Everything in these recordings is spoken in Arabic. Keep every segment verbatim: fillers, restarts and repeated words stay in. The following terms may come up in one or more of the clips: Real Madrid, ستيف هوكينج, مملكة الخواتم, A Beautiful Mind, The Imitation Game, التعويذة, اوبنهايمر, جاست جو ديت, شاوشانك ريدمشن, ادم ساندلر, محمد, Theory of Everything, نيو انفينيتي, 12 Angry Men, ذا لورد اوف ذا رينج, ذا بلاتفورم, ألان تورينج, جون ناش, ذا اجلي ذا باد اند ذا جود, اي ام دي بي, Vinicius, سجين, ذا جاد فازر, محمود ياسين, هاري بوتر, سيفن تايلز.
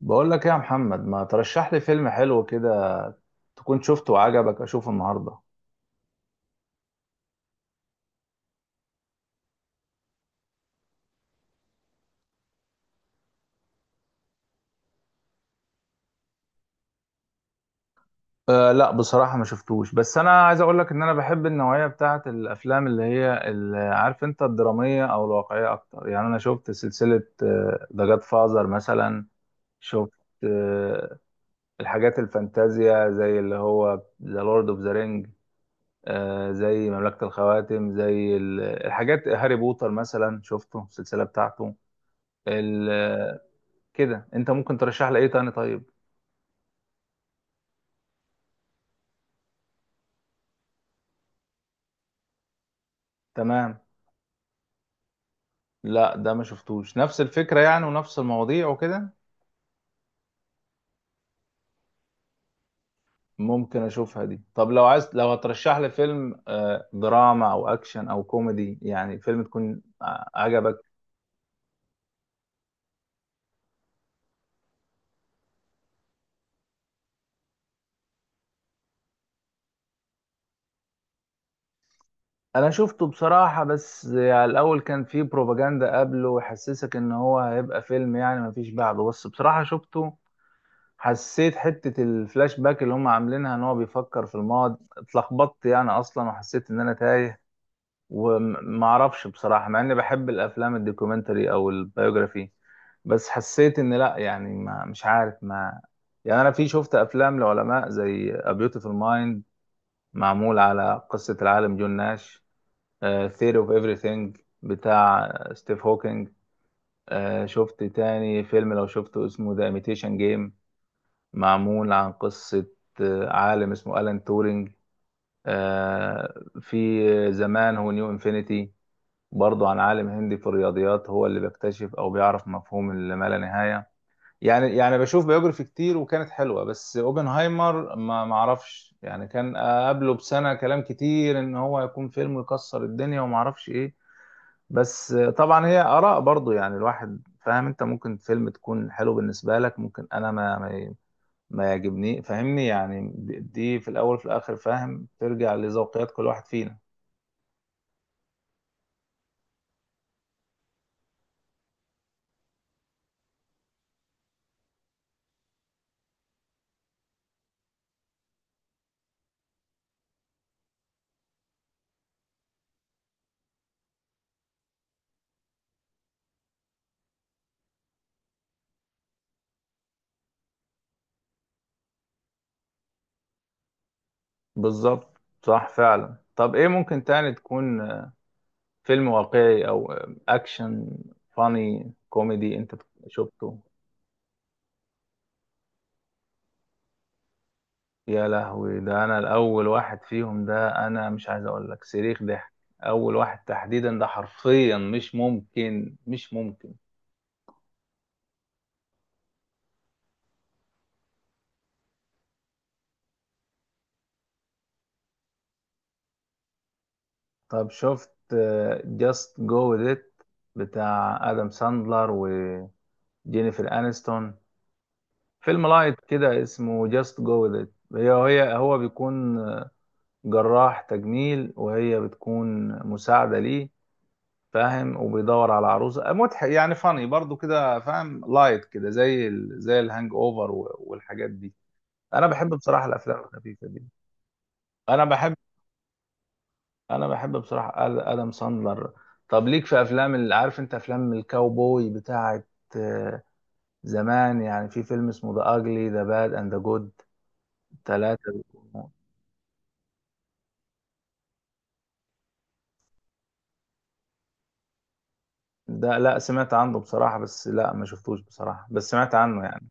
بقول لك ايه يا محمد، ما ترشح لي فيلم حلو كده تكون شفته وعجبك اشوفه النهارده؟ أه، لا بصراحة ما شفتوش. بس انا عايز اقول لك ان انا بحب النوعية بتاعه الافلام اللي هي ال- آه، عارف انت، الدرامية او الواقعية اكتر. يعني انا شفت سلسلة ذا جاد فازر مثلا. شفت آه، الحاجات الفانتازيا زي اللي هو ذا لورد اوف ذا رينج، زي مملكة الخواتم، زي ال- الحاجات هاري بوتر مثلا. شفته السلسلة بتاعته ال- كده. انت ممكن ترشح لي ايه تاني طيب؟ تمام. لا ده ما شفتوش. نفس الفكرة يعني ونفس المواضيع وكده. ممكن اشوفها دي. طب لو عايز، لو هترشح لي فيلم آه، دراما او اكشن او كوميدي، يعني فيلم تكون آه، عجبك. انا شفته بصراحة، بس على الاول كان فيه بروباجندا قبله وحسسك ان هو هيبقى فيلم يعني ما فيش بعده. بس بصراحة شفته. حسيت حتة الفلاش باك اللي هم عاملينها ان هو بيفكر في الماضي اتلخبطت يعني اصلا، وحسيت ان انا تايه وما اعرفش بصراحه، مع اني بحب الافلام الدوكيومنتري او البيوجرافي. بس حسيت ان لا، يعني ما مش عارف ما. يعني انا في شفت افلام لعلماء زي A Beautiful Mind، معمول على قصه العالم جون ناش. آه, Theory of Everything بتاع ستيف هوكينج. آه, شفت تاني فيلم لو شفته اسمه The Imitation Game، معمول عن قصه آه، عالم اسمه ألان تورينج. آه، في زمان هو نيو انفينيتي، برضو عن عالم هندي في الرياضيات، هو اللي بيكتشف او بيعرف مفهوم اللي ما لا نهايه. يعني يعني بشوف بيوجرافي كتير وكانت حلوه، بس اوبنهايمر ما ما اعرفش يعني، كان قبله بسنه كلام كتير ان هو هيكون فيلم يكسر الدنيا وما اعرفش ايه. بس طبعا هي اراء برضو، يعني الواحد فاهم. انت ممكن فيلم تكون حلو بالنسبه لك ممكن انا ما ما, ما يعجبني، فاهمني يعني. دي في الاول وفي الاخر فاهم، ترجع لذوقيات كل واحد فينا. بالظبط، صح فعلا. طب ايه ممكن تاني تكون، فيلم واقعي او اكشن، فاني كوميدي؟ انت شفته؟ يا لهوي ده! انا الاول واحد فيهم، ده انا مش عايز اقول لك صريخ ضحك. اول واحد تحديدا، ده حرفيا مش ممكن، مش ممكن. طب شفت جاست جو ديت بتاع ادم ساندلر وجينيفر انستون؟ فيلم لايت كده اسمه جاست جو ديت، هي هي هو بيكون جراح تجميل وهي بتكون مساعدة ليه، فاهم، وبيدور على عروسه. مضحك يعني، فاني برضو كده، فاهم، لايت كده زي ال... زي الهانج اوفر و... والحاجات دي. انا بحب بصراحه الافلام الخفيفه دي. انا بحب انا بحب بصراحه آد- ادم ساندلر. طب ليك في افلام، اللي عارف انت، افلام الكاوبوي بتاعه آه، زمان يعني. في فيلم اسمه ذا اجلي ذا باد اند ذا جود، ثلاثه بيكونوا- ده، لا سمعت عنه بصراحه، بس لا ما شفتوش بصراحه، بس سمعت عنه يعني.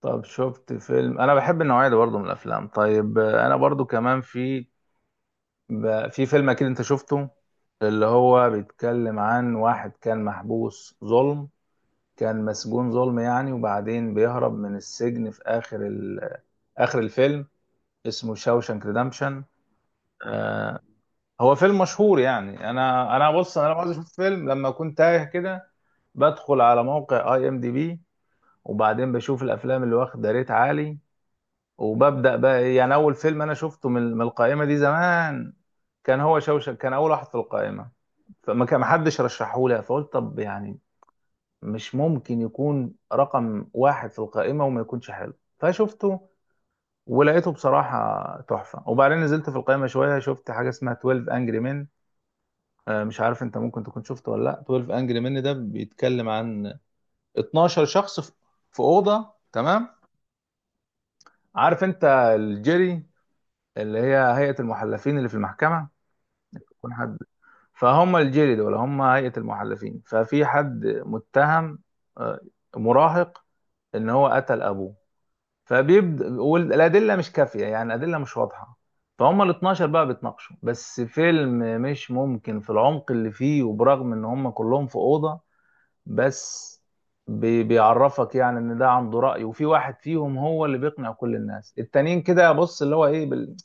طب شفت فيلم؟ انا بحب النوعيه دي برضه من الافلام. طيب آه، انا برضه كمان، في ب- في فيلم اكيد انت شفته، اللي هو بيتكلم عن واحد كان محبوس ظلم، كان مسجون ظلم يعني، وبعدين بيهرب من السجن في اخر ال... اخر الفيلم. اسمه شاوشانك ريدمشن. آه، هو فيلم مشهور يعني. انا انا بص، انا لما عاوز اشوف فيلم لما اكون تايه كده، بدخل على موقع اي ام دي بي وبعدين بشوف الافلام اللي واخده ريت عالي، وببدأ بقى إيه، يعني أول فيلم أنا شفته من من القائمة دي زمان، كان هو شوشك. كان أول واحد في القائمة، فما كان محدش رشحهولي، فقلت طب يعني مش ممكن يكون رقم واحد في القائمة وما يكونش حلو، فشفته ولقيته بصراحة تحفة. وبعدين نزلت في القائمة شوية، شفت حاجة اسمها اتناشر Angry Men. آه، مش عارف انت ممكن تكون شفته ولا لا. اتناشر Angry Men ده بيتكلم عن اتناشر شخص في في أوضة، تمام؟ عارف انت الجيري، اللي هي هيئة المحلفين اللي في المحكمة، يكون حد. فهم، الجيري دول هم هيئة المحلفين، ففي حد متهم آه، مراهق ان هو قتل ابوه، فبيبدأ، والادلة مش كافية يعني الادلة مش واضحة. فهم ال اثنا عشر بقى بيتناقشوا. بس فيلم مش ممكن في العمق اللي فيه، وبرغم ان هم كلهم في أوضة، بس بي- بيعرفك يعني ان ده عنده رأي، وفي واحد فيهم هو اللي بيقنع كل الناس التانيين كده، بص اللي هو ايه بال...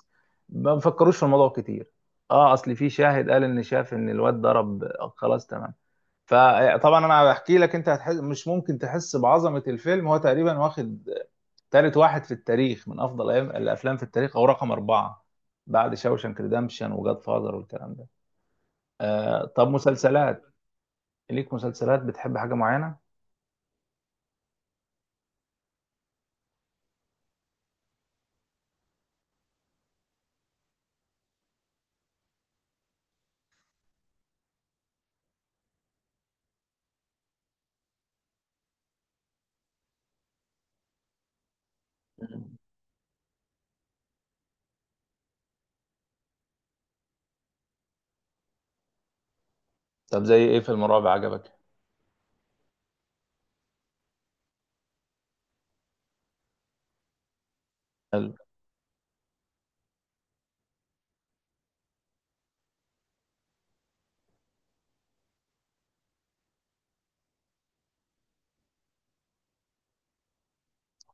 ما بيفكروش في الموضوع كتير. اه، اصل في شاهد قال ان شاف ان الواد ضرب آه، خلاص، تمام. فطبعا انا بحكي لك، انت هتحس مش ممكن، تحس بعظمة الفيلم. هو تقريبا واخد ثالث واحد في التاريخ من افضل أيام- الافلام في التاريخ، او رقم أربعة، بعد شاوشانك ريدمشن وجاد فاذر والكلام ده. آه طب مسلسلات، ليك مسلسلات بتحب حاجة معينة؟ طب زي ايه فيلم رعب عجبك؟ حلو.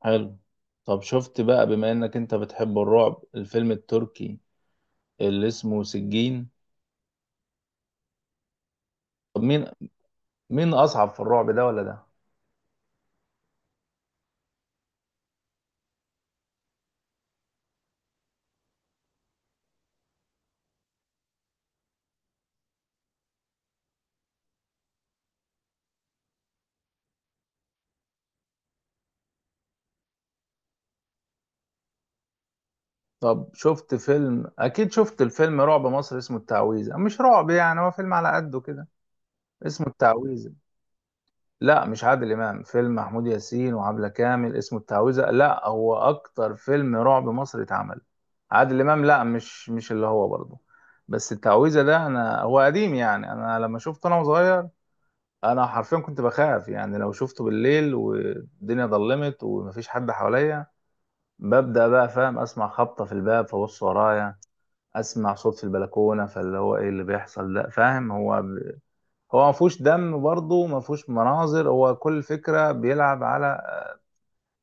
حلو. طب شفت بقى، بما انك انت بتحب الرعب، الفيلم التركي اللي اسمه سجين؟ طب مين مين اصعب في الرعب، ده ولا ده؟ طب شفت فيلم، اكيد شفت الفيلم رعب مصر اسمه التعويذة. مش رعب يعني، هو فيلم على قده كده، اسمه التعويذة. لا مش عادل امام، فيلم محمود ياسين وعبلة كامل، اسمه التعويذة. لا هو اكتر فيلم رعب مصري اتعمل. عادل امام، لا مش مش اللي هو برضه. بس التعويذة ده، انا هو قديم يعني، انا لما شفته انا صغير، انا حرفيا كنت بخاف يعني. لو شفته بالليل والدنيا ضلمت ومفيش حد حواليا، ببدأ بقى، فاهم، اسمع خبطة في الباب فبص ورايا، اسمع صوت في البلكونة، فاللي هو ايه اللي بيحصل ده؟ فاهم؟ هو، هو ما فيهوش دم برضه، ما فيهوش مناظر، هو كل فكرة بيلعب على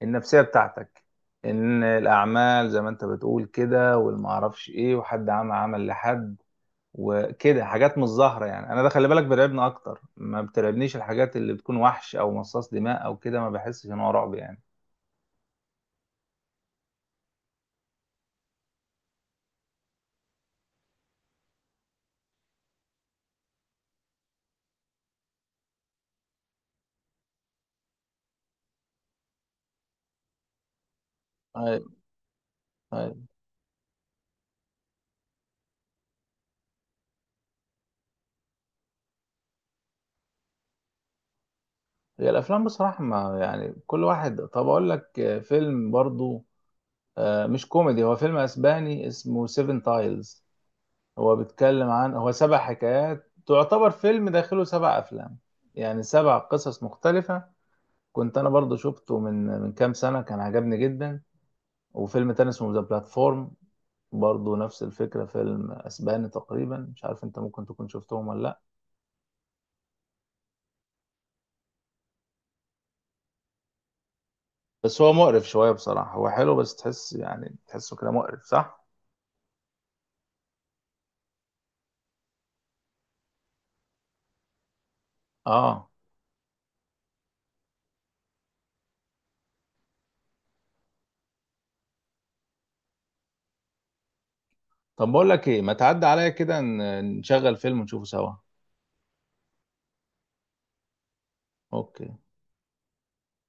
النفسية بتاعتك، ان الاعمال زي ما انت بتقول كده، والمعرفش ايه، وحد عمل عمل لحد وكده، حاجات مش ظاهرة يعني. انا ده خلي بالك بيرعبني اكتر، ما بترعبنيش الحاجات اللي بتكون وحش او مصاص دماء او كده، ما بحسش ان هو رعب يعني. ايوه. ايوه. هي الافلام بصراحه، ما يعني كل واحد. طب اقول لك آه، فيلم برضو آه، مش كوميدي، هو فيلم اسباني اسمه سيفن تايلز. هو بيتكلم عن، هو سبع حكايات، تعتبر فيلم داخله سبع أفلام، يعني سبع قصص مختلفة. كنت أنا برضو شفته من من كام سنة، كان عجبني جدا. وفيلم تاني اسمه ذا بلاتفورم، برضو نفس الفكرة، فيلم أسباني تقريبا. مش عارف أنت ممكن تكون شفتهم ولا لأ. بس هو مقرف شوية بصراحة، هو حلو بس تحس يعني تحسه كده مقرف، صح؟ آه. طب بقول لك إيه، ما تعدي عليا كده ن- نشغل فيلم ونشوفه سوا. أوكي.